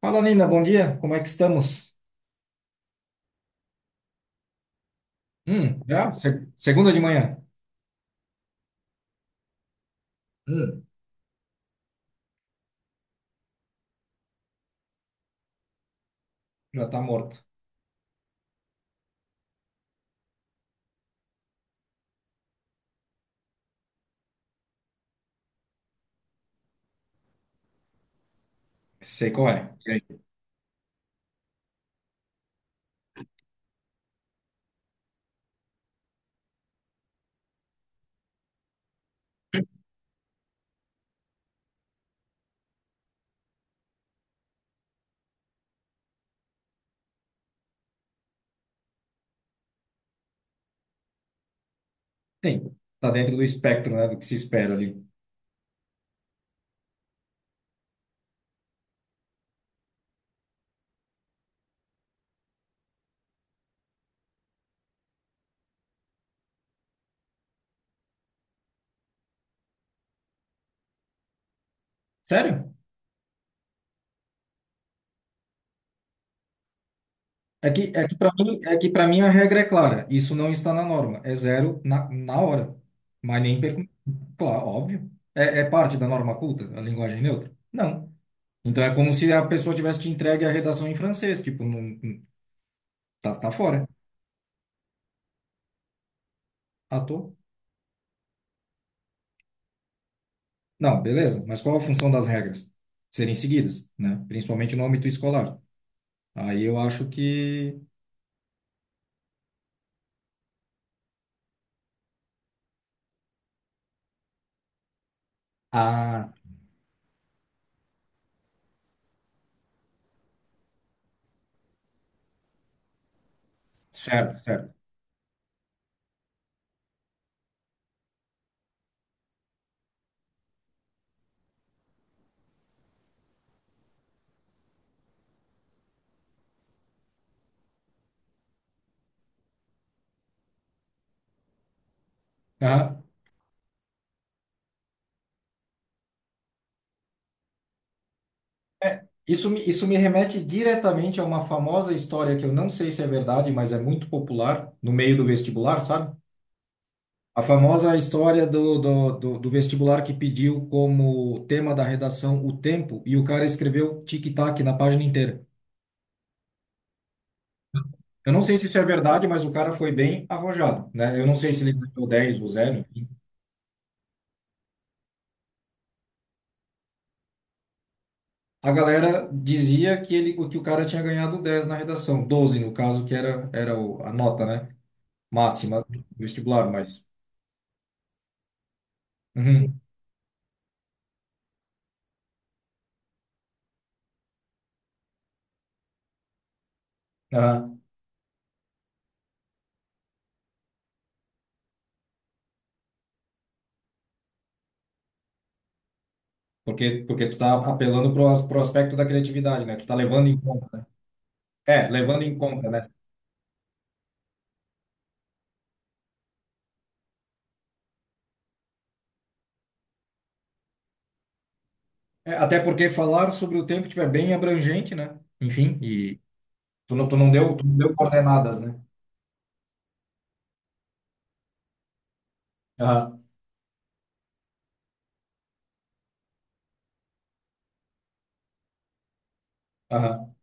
Fala, Nina, bom dia. Como é que estamos? Já? Segunda de manhã. Hum, já tá morto. Sei qual é. E aí? Sim, tá dentro do espectro, né, do que se espera ali. Sério? É que para mim, a regra é clara. Isso não está na norma. É zero na hora. Mas nem pergunta. Claro, óbvio. É parte da norma culta, a linguagem neutra? Não. Então é como se a pessoa tivesse te entregue a redação em francês. Tipo, tá, tá fora. Ah, tô. Não, beleza, mas qual a função das regras? Serem seguidas, né? Principalmente no âmbito escolar. Aí eu acho que. Ah, certo, certo. Aham. É, isso me remete diretamente a uma famosa história que eu não sei se é verdade, mas é muito popular no meio do vestibular, sabe? A famosa história do vestibular que pediu como tema da redação o tempo e o cara escreveu tic-tac na página inteira. Eu não sei se isso é verdade, mas o cara foi bem arrojado, né? Eu não sei se ele ganhou 10 ou zero. A galera dizia que ele, que o cara tinha ganhado 10 na redação, 12 no caso, que a nota, né? Máxima do vestibular, mas. Uhum, aham. Porque tu tá apelando pro, pro aspecto da criatividade, né? Tu tá levando em conta, né? É, levando em conta, né? É, até porque falar sobre o tempo tipo, é bem abrangente, né? Enfim, e tu não deu coordenadas, né? Aham, aham,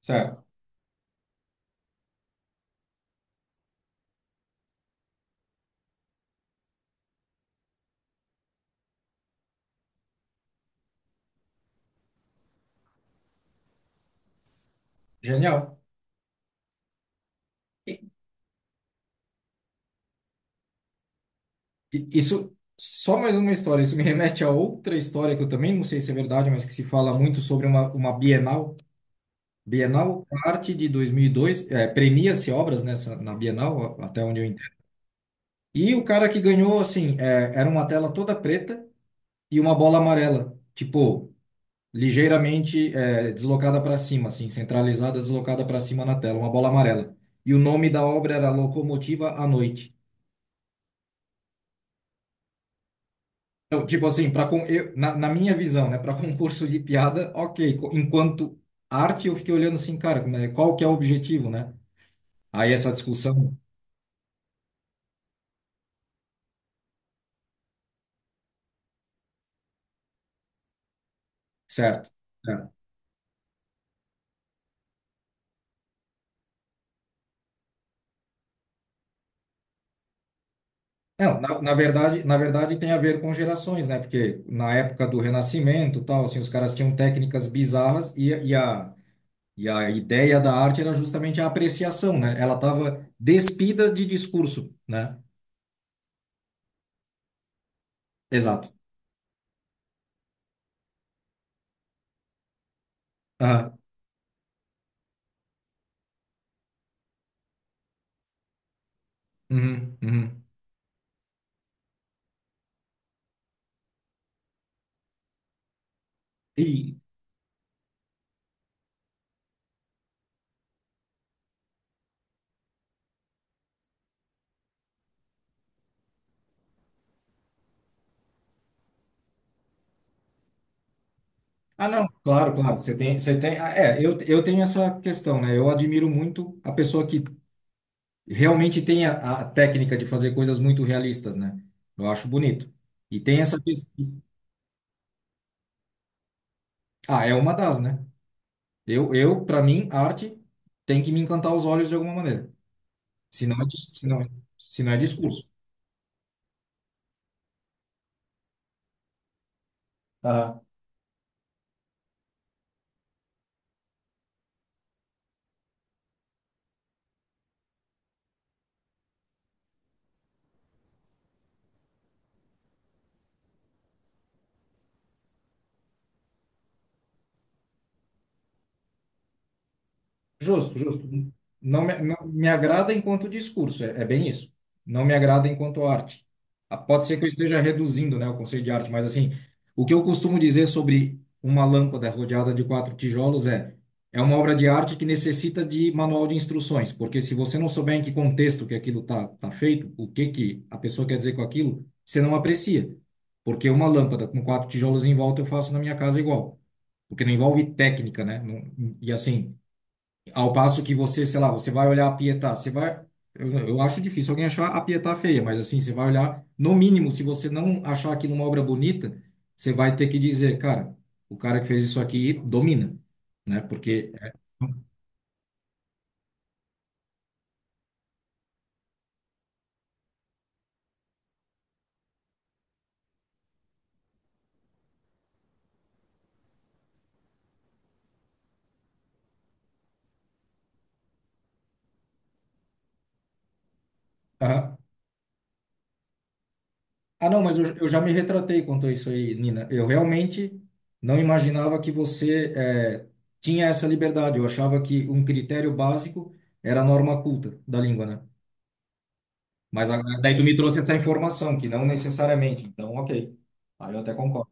certo. Genial. Isso, só mais uma história. Isso me remete a outra história que eu também não sei se é verdade, mas que se fala muito sobre uma Bienal. Bienal, arte de 2002, é, premia-se obras nessa, na Bienal, a- até onde eu entendo. E o cara que ganhou, assim, é, era uma tela toda preta e uma bola amarela, tipo, ligeiramente é, deslocada para cima, assim, centralizada, deslocada para cima na tela, uma bola amarela. E o nome da obra era Locomotiva à Noite. Então, tipo assim, para eu, na minha visão, né, para concurso de piada, ok. Enquanto arte, eu fiquei olhando assim, cara, qual que é o objetivo, né? Aí essa discussão, certo? Certo. Não, na verdade tem a ver com gerações, né? Porque na época do Renascimento, tal, assim, os caras tinham técnicas bizarras e a ideia da arte era justamente a apreciação, né? Ela estava despida de discurso, né? Exato. Aham. Uhum, uhum. E ah, não, claro, claro. É, eu tenho essa questão, né? Eu admiro muito a pessoa que realmente tem a técnica de fazer coisas muito realistas, né? Eu acho bonito. E tem essa. ques- Ah, é uma das, né? Eu para mim, arte tem que me encantar os olhos de alguma maneira. Se não é, dis- se não, se não é discurso. Justo, justo. Não me agrada enquanto discurso, é, é bem isso. Não me agrada enquanto arte. Ah, pode ser que eu esteja reduzindo, né, o conceito de arte, mas assim, o que eu costumo dizer sobre uma lâmpada rodeada de quatro tijolos é, é uma obra de arte que necessita de manual de instruções, porque se você não souber em que contexto que aquilo tá feito, o que que a pessoa quer dizer com aquilo, você não aprecia. Porque uma lâmpada com quatro tijolos em volta eu faço na minha casa igual, porque não envolve técnica, né? Não- e assim, ao passo que você, sei lá, você vai olhar a Pietá, você vai. Eu acho difícil alguém achar a Pietá feia, mas assim, você vai olhar, no mínimo, se você não achar aqui uma obra bonita, você vai ter que dizer, cara, o cara que fez isso aqui domina, né? Porque. Ah, não, mas eu já me retratei quanto a isso aí, Nina. Eu realmente não imaginava que você tinha essa liberdade. Eu achava que um critério básico era a norma culta da língua, né? Daí tu me trouxe essa informação, que não necessariamente. Então, ok. Aí eu até concordo.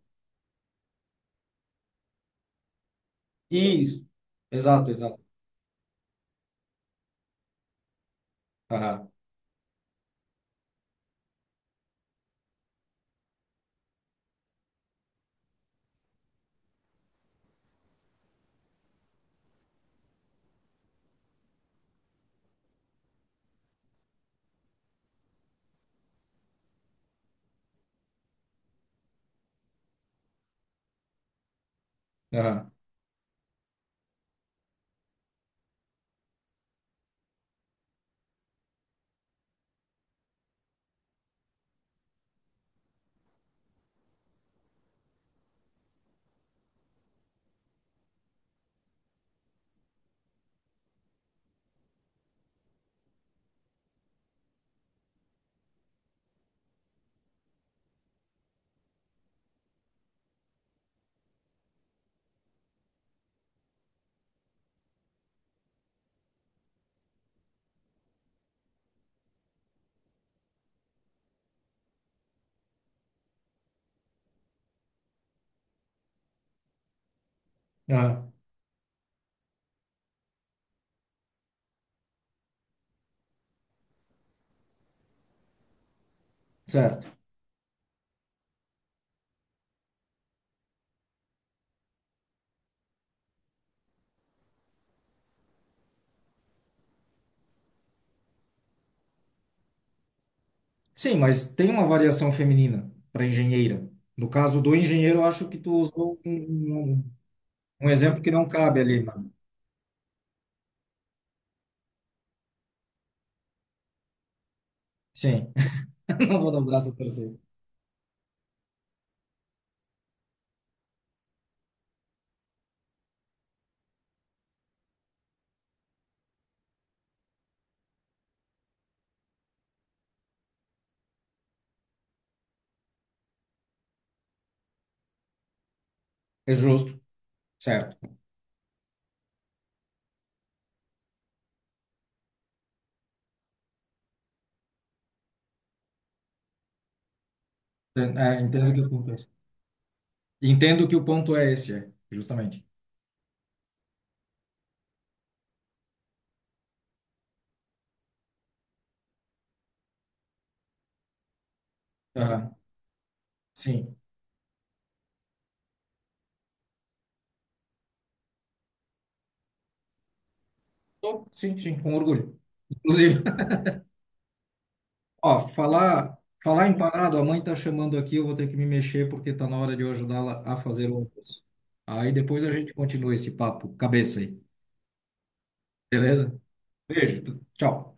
Isso. Exato, exato. Aham, aham, aham. Certo. Sim, mas tem uma variação feminina para engenheira. No caso do engenheiro, eu acho que tu usou um- um exemplo que não cabe ali, mano. Sim. Não vou dar o braço a torcer. É justo. Certo. É, é, entendo que o ponto é esse. Entendo que o ponto é esse, é, justamente. Aham. Sim. Tô, sim, sim, com orgulho. Inclusive. Ó, falar em parado, a mãe tá chamando aqui, eu vou ter que me mexer porque tá na hora de eu ajudá-la a fazer o almoço. Aí depois a gente continua esse papo cabeça aí, beleza? Beijo, tchau.